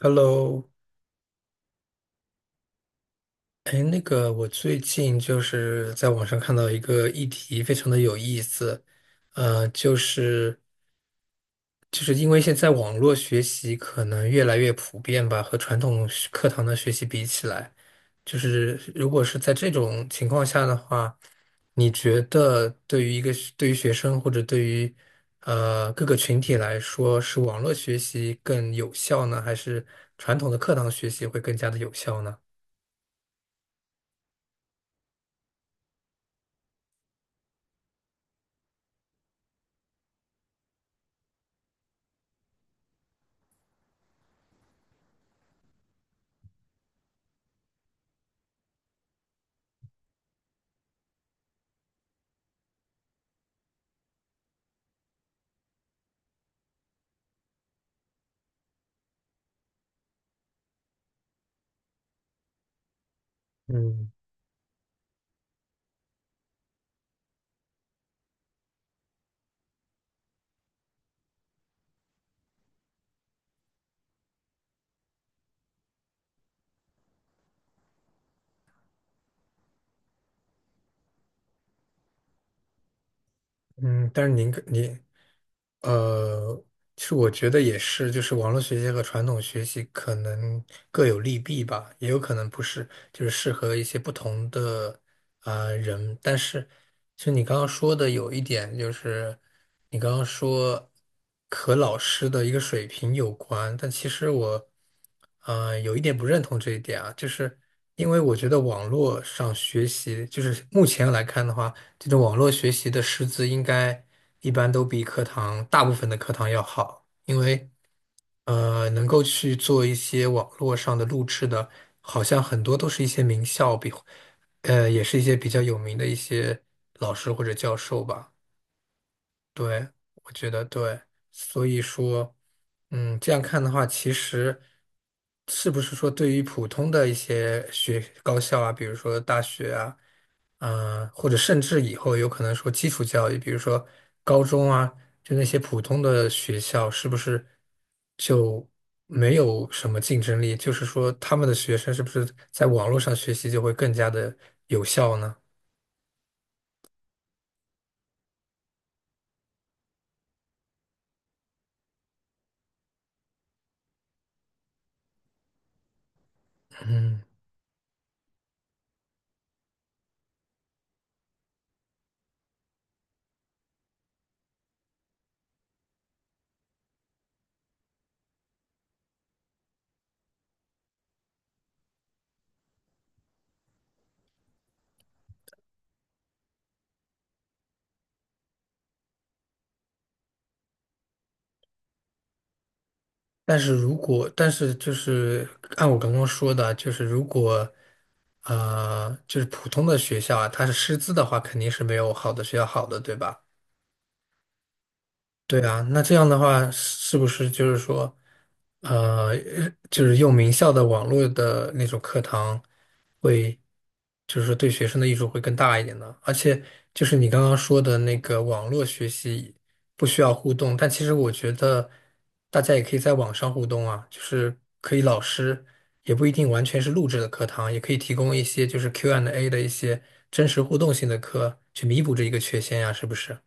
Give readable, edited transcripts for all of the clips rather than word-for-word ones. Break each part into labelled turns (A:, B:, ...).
A: Hello，哎，那个，我最近就是在网上看到一个议题，非常的有意思，呃，就是就是因为现在网络学习可能越来越普遍吧，和传统学课堂的学习比起来，就是如果是在这种情况下的话，你觉得对于一个对于学生或者对于各个群体来说，是网络学习更有效呢，还是传统的课堂学习会更加的有效呢？嗯嗯，但是您呃，其实我觉得也是，就是网络学习和传统学习可能各有利弊吧，也有可能不是，就是适合一些不同的人。但是，其实你刚刚说的有一点就是，你刚刚说和老师的一个水平有关，但其实我有一点不认同这一点啊，就是因为我觉得网络上学习，就是目前来看的话。这种网络学习的师资应该一般都比课堂大部分的课堂要好，因为能够去做一些网络上的录制的，好像很多都是一些名校比，也是一些比较有名的一些老师或者教授吧。对，我觉得对，所以说，嗯，这样看的话，其实是不是说对于普通的一些学高校啊，比如说大学啊。或者甚至以后有可能说基础教育，比如说高中啊，就那些普通的学校，是不是就没有什么竞争力？就是说，他们的学生是不是在网络上学习就会更加的有效呢？嗯，但是如果，但是就是按我刚刚说的，就是如果就是普通的学校啊，它是师资的话，肯定是没有好的学校好的，对吧？对啊，那这样的话，是不是就是说，呃，就是用名校的网络的那种课堂会，就是说对学生的益处会更大一点呢？而且就是你刚刚说的那个网络学习不需要互动，但其实我觉得大家也可以在网上互动啊，就是可以老师也不一定完全是录制的课堂，也可以提供一些就是 Q&A 的一些真实互动性的课，去弥补这一个缺陷呀，是不是？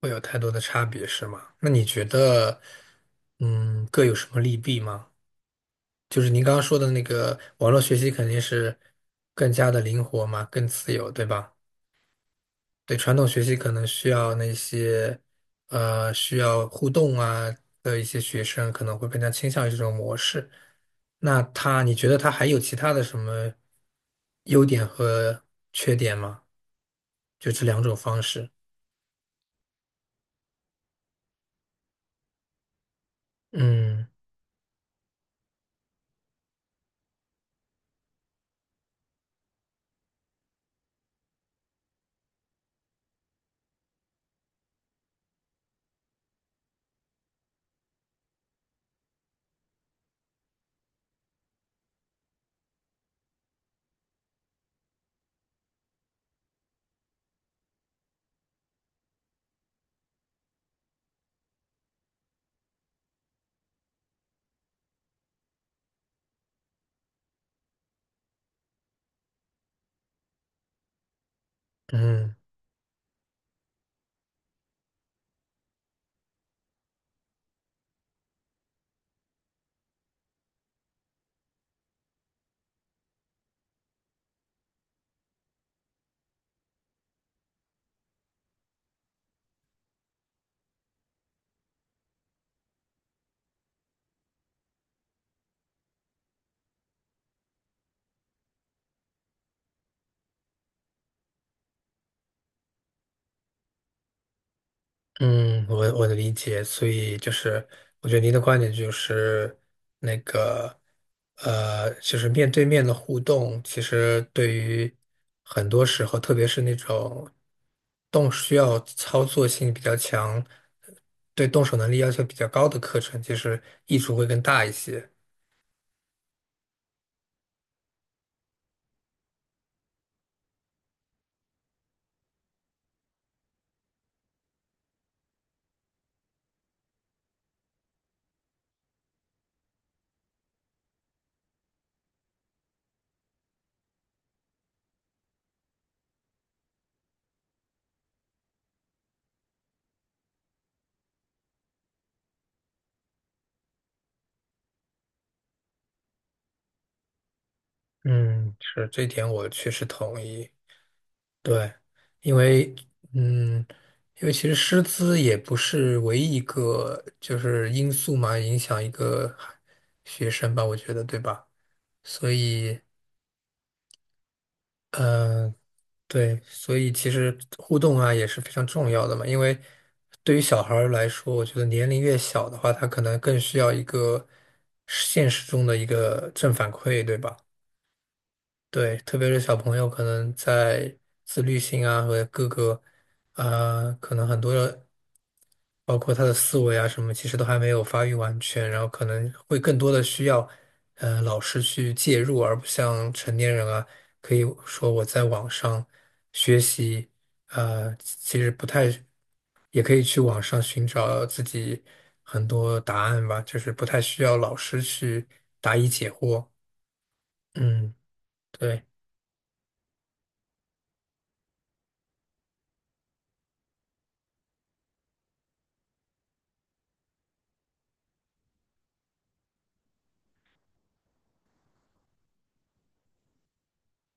A: 会有太多的差别，是吗？那你觉得，嗯，各有什么利弊吗？就是您刚刚说的那个网络学习肯定是更加的灵活嘛，更自由，对吧？对，传统学习可能需要那些需要互动啊的一些学生可能会更加倾向于这种模式。那他，你觉得他还有其他的什么优点和缺点吗？就这两种方式。嗯嗯。嗯，我的理解，所以就是，我觉得您的观点就是那个，就是面对面的互动，其实对于很多时候，特别是那种动需要操作性比较强、对动手能力要求比较高的课程，其实益处会更大一些。嗯，是，这一点我确实同意。对，因为嗯，因为其实师资也不是唯一一个就是因素嘛，影响一个学生吧，我觉得，对吧？所以，嗯、对，所以其实互动啊也是非常重要的嘛，因为对于小孩儿来说，我觉得年龄越小的话，他可能更需要一个现实中的一个正反馈，对吧？对，特别是小朋友，可能在自律性啊和各个，可能很多的，包括他的思维啊什么，其实都还没有发育完全，然后可能会更多的需要，老师去介入，而不像成年人啊，可以说我在网上学习，其实不太，也可以去网上寻找自己很多答案吧，就是不太需要老师去答疑解惑。嗯，对。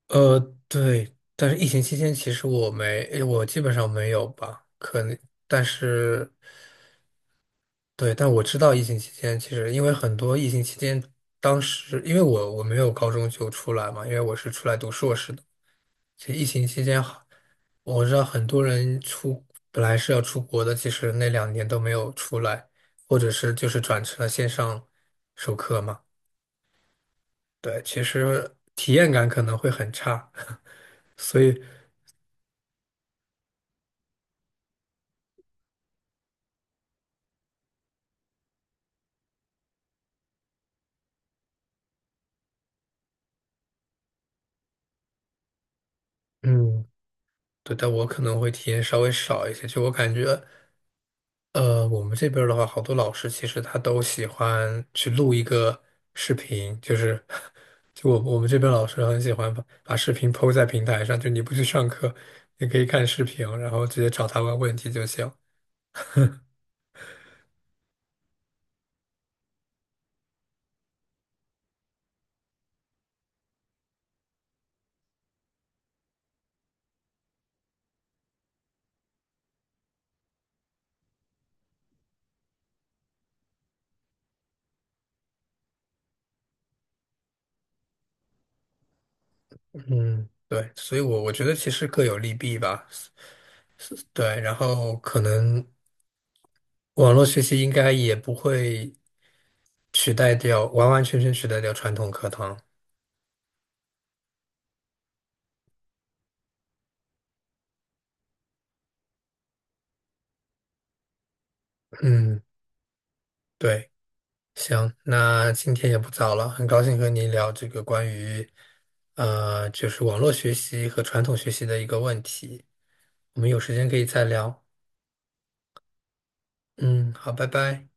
A: 呃，对，但是疫情期间其实我基本上没有吧，可能，但是对，但我知道疫情期间其实因为很多疫情期间，当时因为我没有高中就出来嘛，因为我是出来读硕士的，其实疫情期间好，我知道很多人本来是要出国的，其实那两年都没有出来，或者是就是转成了线上授课嘛，对，其实体验感可能会很差，所以。嗯，对，但我可能会体验稍微少一些。就我感觉，我们这边儿的话，好多老师其实他都喜欢去录一个视频，就是 就我们这边老师很喜欢把视频 p 在平台上，就你不去上课，你可以看视频，然后直接找他问问题就行。嗯，对，所以我觉得其实各有利弊吧。是对，然后可能网络学习应该也不会取代掉，完完全全取代掉传统课堂。嗯，对。行，那今天也不早了，很高兴和你聊这个关于，就是网络学习和传统学习的一个问题。我们有时间可以再聊。嗯，好，拜拜。